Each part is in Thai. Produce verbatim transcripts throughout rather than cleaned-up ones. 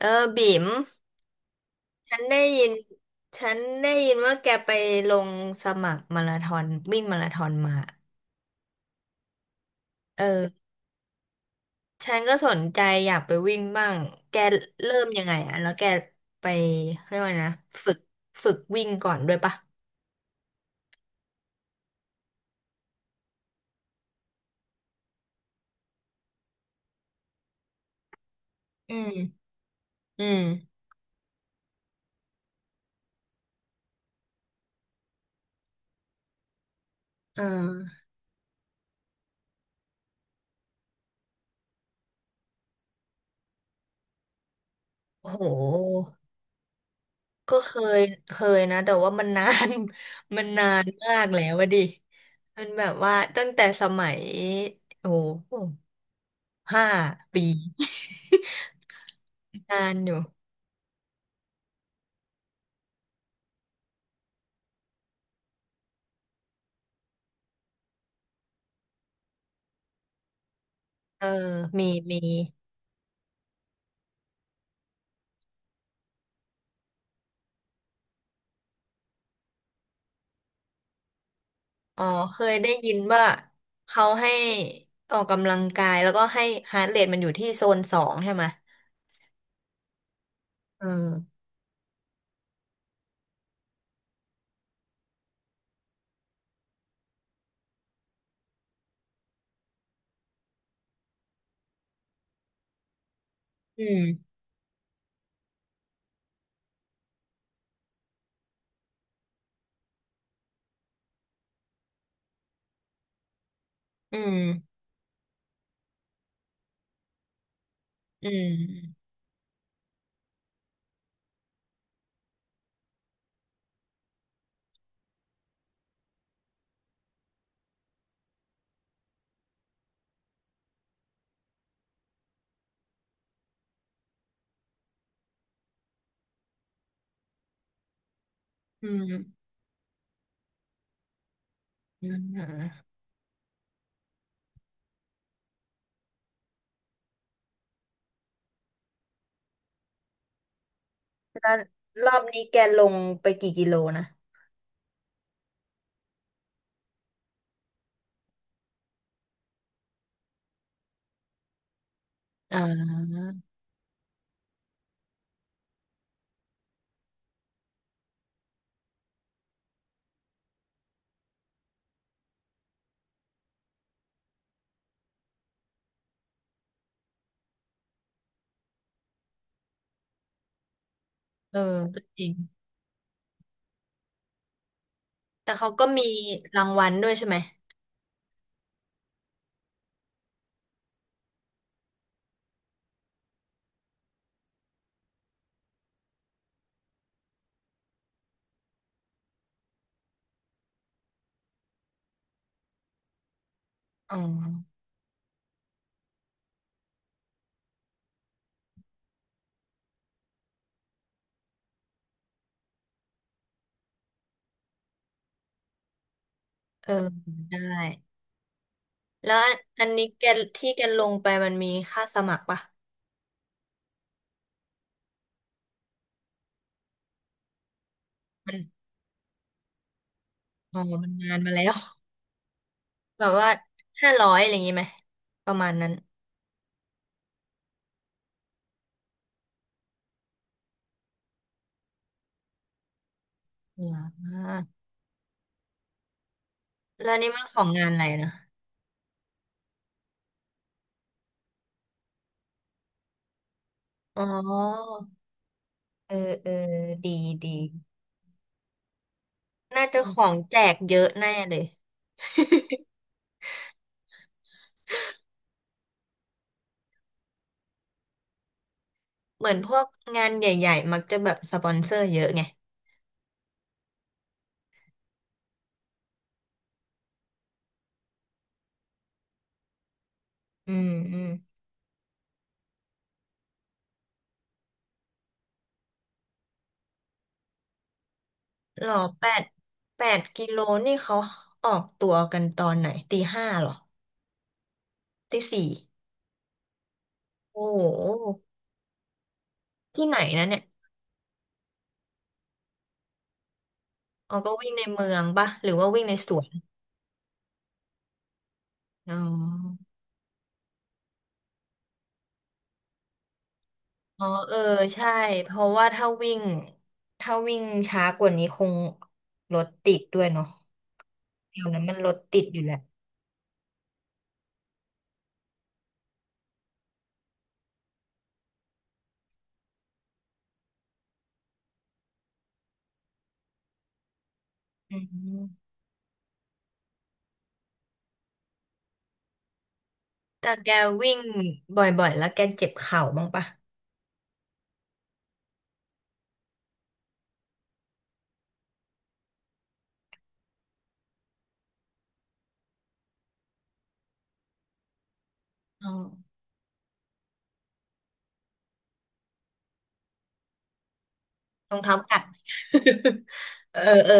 เออบิ๋มฉันได้ยินฉันได้ยินว่าแกไปลงสมัครมาราธอนวิ่งมาราธอนมาเออฉันก็สนใจอยากไปวิ่งบ้างแกเริ่มยังไงอ่ะแล้วแกไปเรียกว่าไงนะฝึกฝึกวิ่งก่อนด้วยปะอืมอืมเออโอ้โหก็เคยเคยนะแต่ว่ามันนาน มันนานมากแล้วอะดิมันแบบว่าตั้งแต่สมัยโอ้โหห้าปีนานอยู่ เออมีมีอ๋อเคยได้ยินว่าเขาให้ออกกำลังกายแล้วก็ให้ฮาร์ทเรทมันอยู่ที่โซนสองใช่ไหมเอออืมอืมอืมอืมอืมอืมแล้วรอบนี้แกลงไปกี่กิโลนะอ่าเออก็จริง แต่เขาก็มีรางวัลด้วยใช่ไหมอ๋อเออได้ แล้วอันนี้แกที่แกลงไปมันมีค่าสมัครปะมันอ๋อมันงานมาแล้ว แบบว่าห้าร้อยอะไรอย่างงี้ไหมประมาณนั้นอ่าแล้วนี่มันของงานอะไรนะอ๋อเออเออดีดีน่าจะของแจกเยอะแน่เลย เหมือนพวกงานใหญ่ๆมักจะแบบสปอนเซอร์เยอะไงอืมอืมหรอแปดแปดกิโลนี่เขาออกตัวกันตอนไหนตีห้าหรอตีสี่โอ้โหที่ไหนนะเนี่ยอ๋อก็วิ่งในเมืองปะหรือว่าวิ่งในสวนอ๋อ อ๋อเออใช่เพราะว่าถ้าวิ่งถ้าวิ่งช้ากว่านี้คงรถติดด้วยเนาะเดี๋ยวนั้นมันรถติดอยู่แหละอืมแต่แกวิ่งบ่อยๆแล้วแกเจ็บเข่าบ้างปะอ๋อรองเท้ากัด เออเออ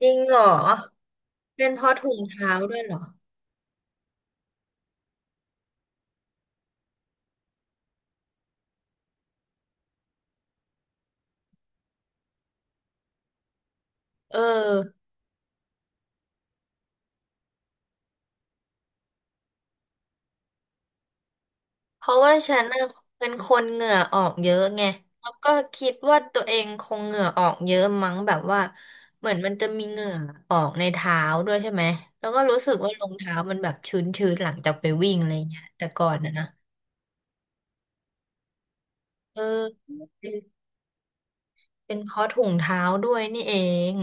จริงเหรอเป็นเพราะถุงเท้าด้วยเหรอเออ เพราะว่าฉันน่ะเป็นคนเหงื่อออกเยอะไงแล้วก็คิดว่าตัวเองคงเหงื่อออกเยอะมั้งแบบว่าเหมือนมันจะมีเหงื่อออกในเท้าด้วยใช่ไหมแล้วก็รู้สึกว่ารองเท้ามันแบบชื้นๆหลังจากไปวิ่งอะไรเงี้ยแต่ก่อนนะนะเออเป็นเป็นเพราะถุงเท้าด้วยนี่เอง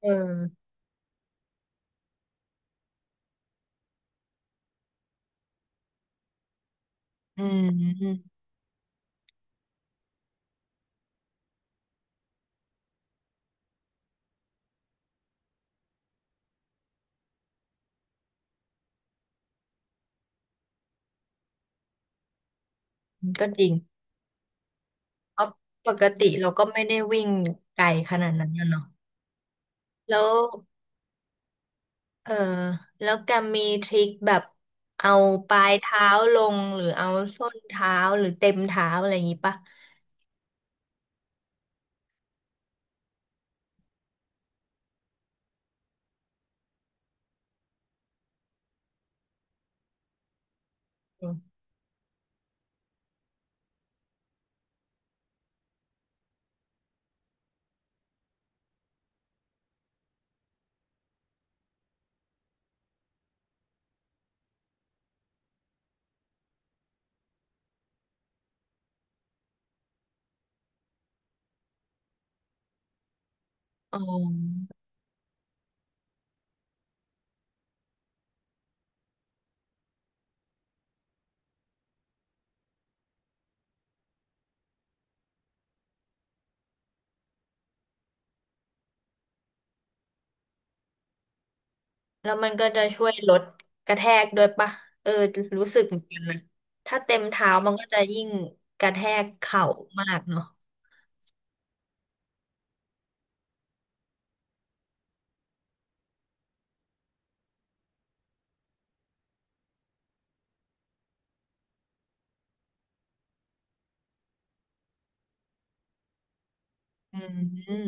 เอออืมอืมก็จริงเพราะปกติเราก็ไม่ได้วิ่งไกลขนาดนั้นนะเนาะแล้ว เออแล้วแกมีทริคแบบเอาปลายเท้าลงหรือเอาส้นเท้าหรือเต็มเท้าอะไรอย่างงี้ปะอืมอ๋อแล้วมันก็จะช่วยลดกระแทกด้วยปะเออรู้สึกเหมือนกันนะถ้าเต็มเท้ามันก็จะยิ่งกระแทกเข่ามากเนาะอืม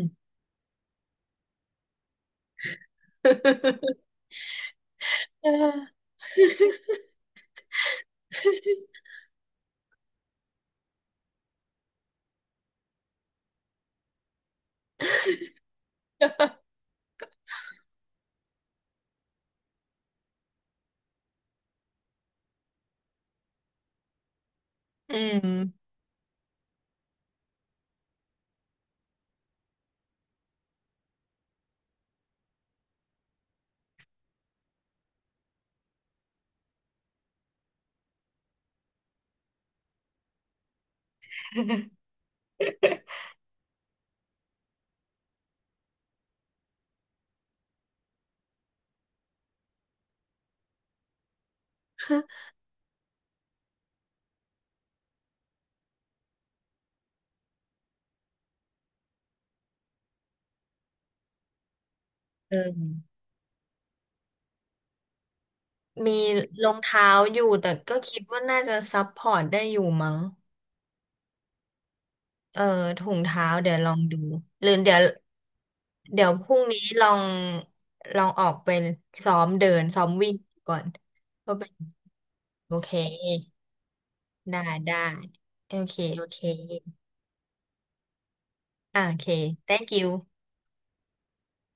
อืม เออมีรองเท้าอยู่แต่ก็คิดว่าน่าจะซัพพอร์ตได้อยู่มั้ง เออถุงเท้าเดี๋ยวลองดูหรือเดี๋ยวเดี๋ยวพรุ่งนี้ลองลองออกไปซ้อมเดินซ้อมวิ่งก่อนก็เป็นโอเคได้ได้โอเคโอเคอ่าโอเค thank you